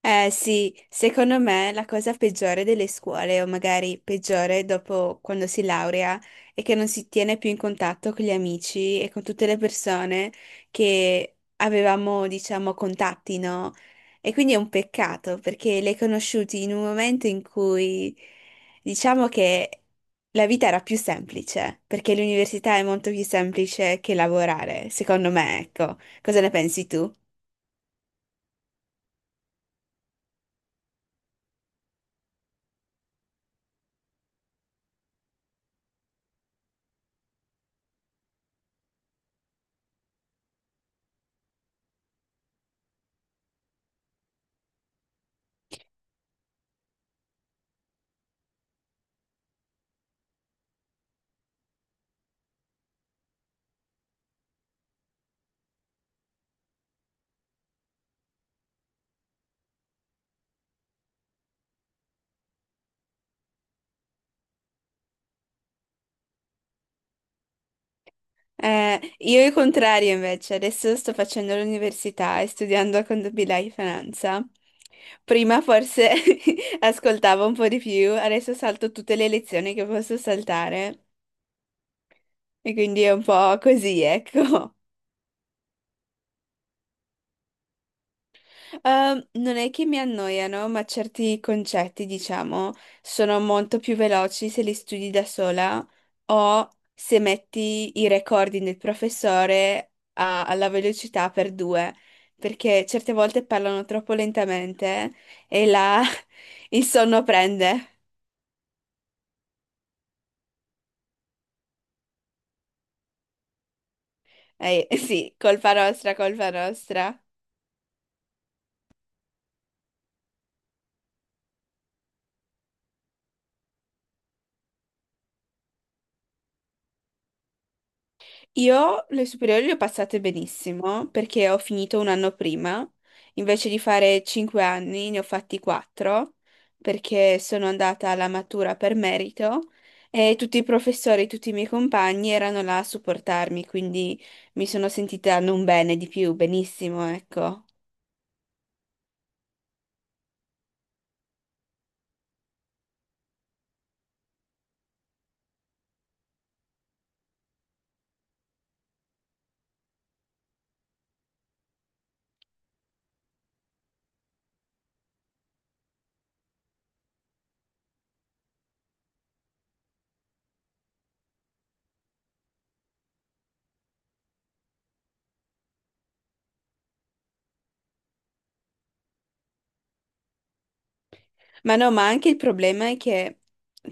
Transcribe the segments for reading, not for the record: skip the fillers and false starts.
Eh sì, secondo me la cosa peggiore delle scuole, o magari peggiore dopo quando si laurea, è che non si tiene più in contatto con gli amici e con tutte le persone che avevamo, diciamo, contatti, no? E quindi è un peccato perché le hai conosciuti in un momento in cui diciamo che la vita era più semplice, perché l'università è molto più semplice che lavorare, secondo me, ecco. Cosa ne pensi tu? Io il contrario invece, adesso sto facendo l'università e studiando contabilità e finanza. Prima forse ascoltavo un po' di più, adesso salto tutte le lezioni che posso saltare e quindi è un po' così, ecco. Non è che mi annoiano, ma certi concetti, diciamo, sono molto più veloci se li studi da sola o se metti i recording del professore alla velocità per due, perché certe volte parlano troppo lentamente e là il sonno prende. Sì, colpa nostra, colpa nostra. Io le superiori le ho passate benissimo perché ho finito un anno prima, invece di fare 5 anni ne ho fatti 4 perché sono andata alla matura per merito e tutti i professori, tutti i miei compagni erano là a supportarmi, quindi mi sono sentita non bene di più, benissimo, ecco. Ma no, ma anche il problema è che,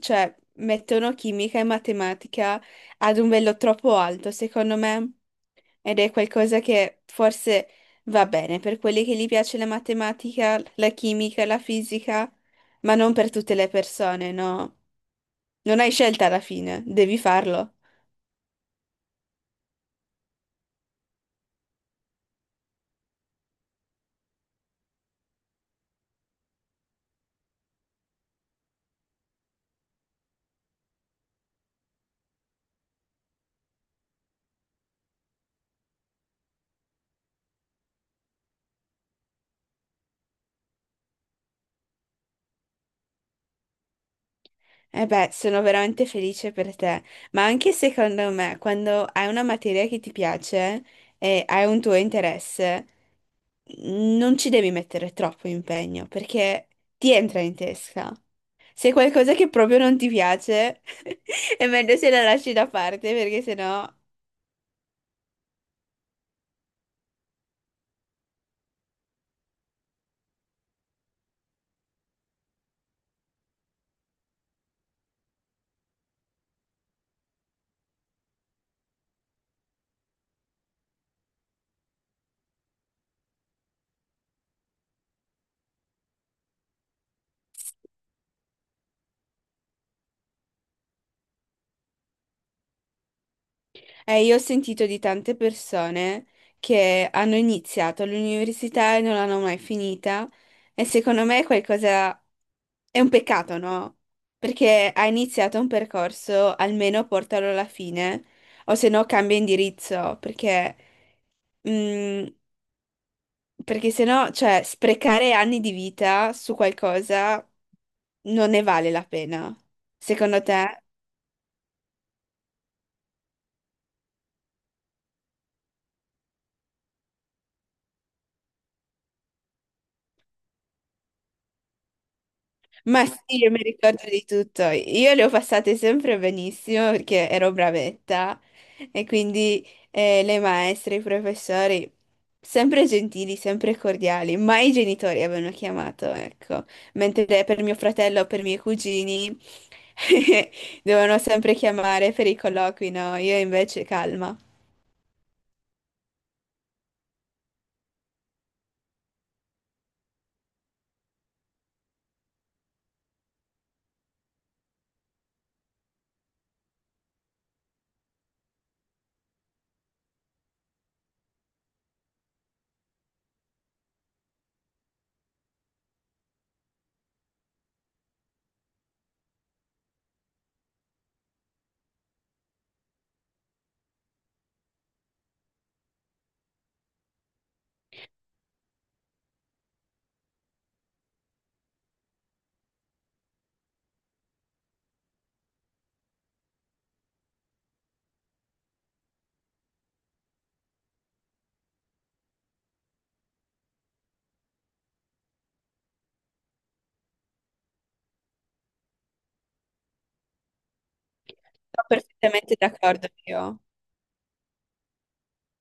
cioè, mettono chimica e matematica ad un livello troppo alto, secondo me, ed è qualcosa che forse va bene per quelli che gli piace la matematica, la chimica, la fisica, ma non per tutte le persone, no? Non hai scelta alla fine, devi farlo. E beh, sono veramente felice per te, ma anche secondo me, quando hai una materia che ti piace e hai un tuo interesse, non ci devi mettere troppo impegno perché ti entra in testa. Se è qualcosa che proprio non ti piace, è meglio se la lasci da parte perché sennò... Io ho sentito di tante persone che hanno iniziato l'università e non l'hanno mai finita e secondo me è qualcosa... è un peccato, no? Perché hai iniziato un percorso, almeno portalo alla fine o se no cambia indirizzo perché... Mm. Perché sennò, cioè, sprecare anni di vita su qualcosa non ne vale la pena, secondo te? Ma sì, io mi ricordo di tutto. Io le ho passate sempre benissimo perché ero bravetta e quindi le maestre, i professori, sempre gentili, sempre cordiali, mai i genitori avevano chiamato, ecco. Mentre per mio fratello, per i miei cugini, dovevano sempre chiamare per i colloqui, no? Io invece calma. Sono perfettamente d'accordo io.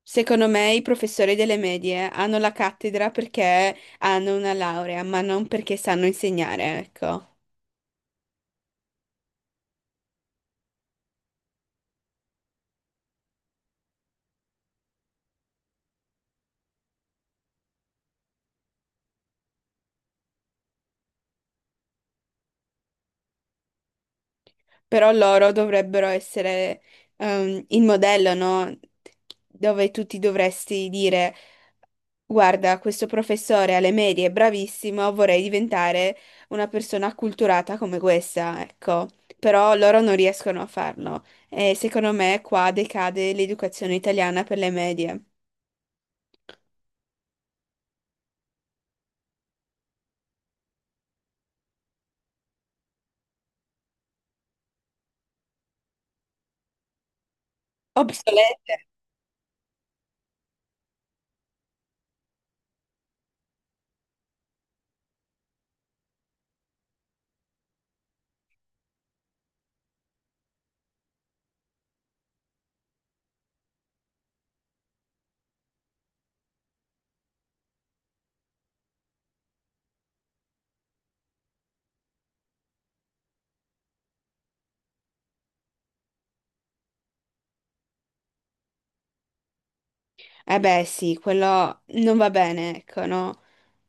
Secondo me i professori delle medie hanno la cattedra perché hanno una laurea, ma non perché sanno insegnare, ecco. Però loro dovrebbero essere il modello, no? Dove tu ti dovresti dire, guarda, questo professore alle medie è bravissimo, vorrei diventare una persona acculturata come questa, ecco. Però loro non riescono a farlo. E secondo me qua decade l'educazione italiana per le medie. Obsoleta. Eh beh, sì, quello non va bene, ecco, no?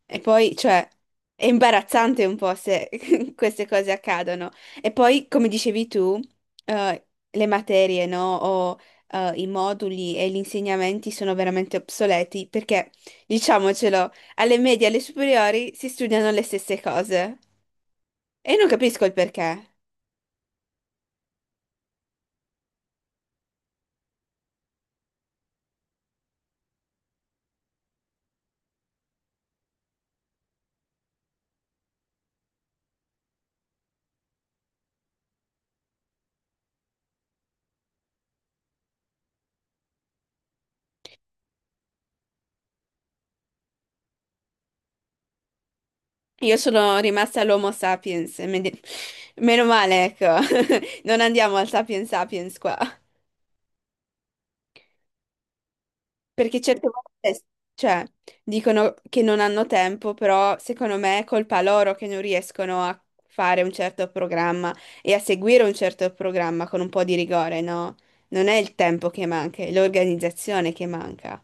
E poi, cioè, è imbarazzante un po' se queste cose accadono. E poi, come dicevi tu, le materie, no? O i moduli e gli insegnamenti sono veramente obsoleti perché, diciamocelo, alle medie e alle superiori si studiano le stesse cose. E non capisco il perché. Io sono rimasta all'Homo sapiens, e meno male, ecco. Non andiamo al sapiens sapiens qua. Perché certe volte, cioè, dicono che non hanno tempo, però secondo me è colpa loro che non riescono a fare un certo programma e a seguire un certo programma con un po' di rigore, no? Non è il tempo che manca, è l'organizzazione che manca.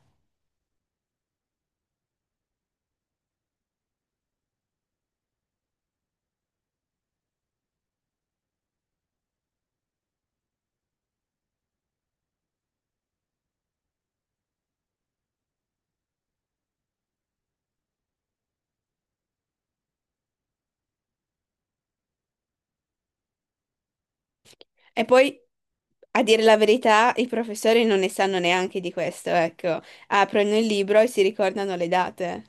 E poi, a dire la verità, i professori non ne sanno neanche di questo, ecco. Aprono il libro e si ricordano le date.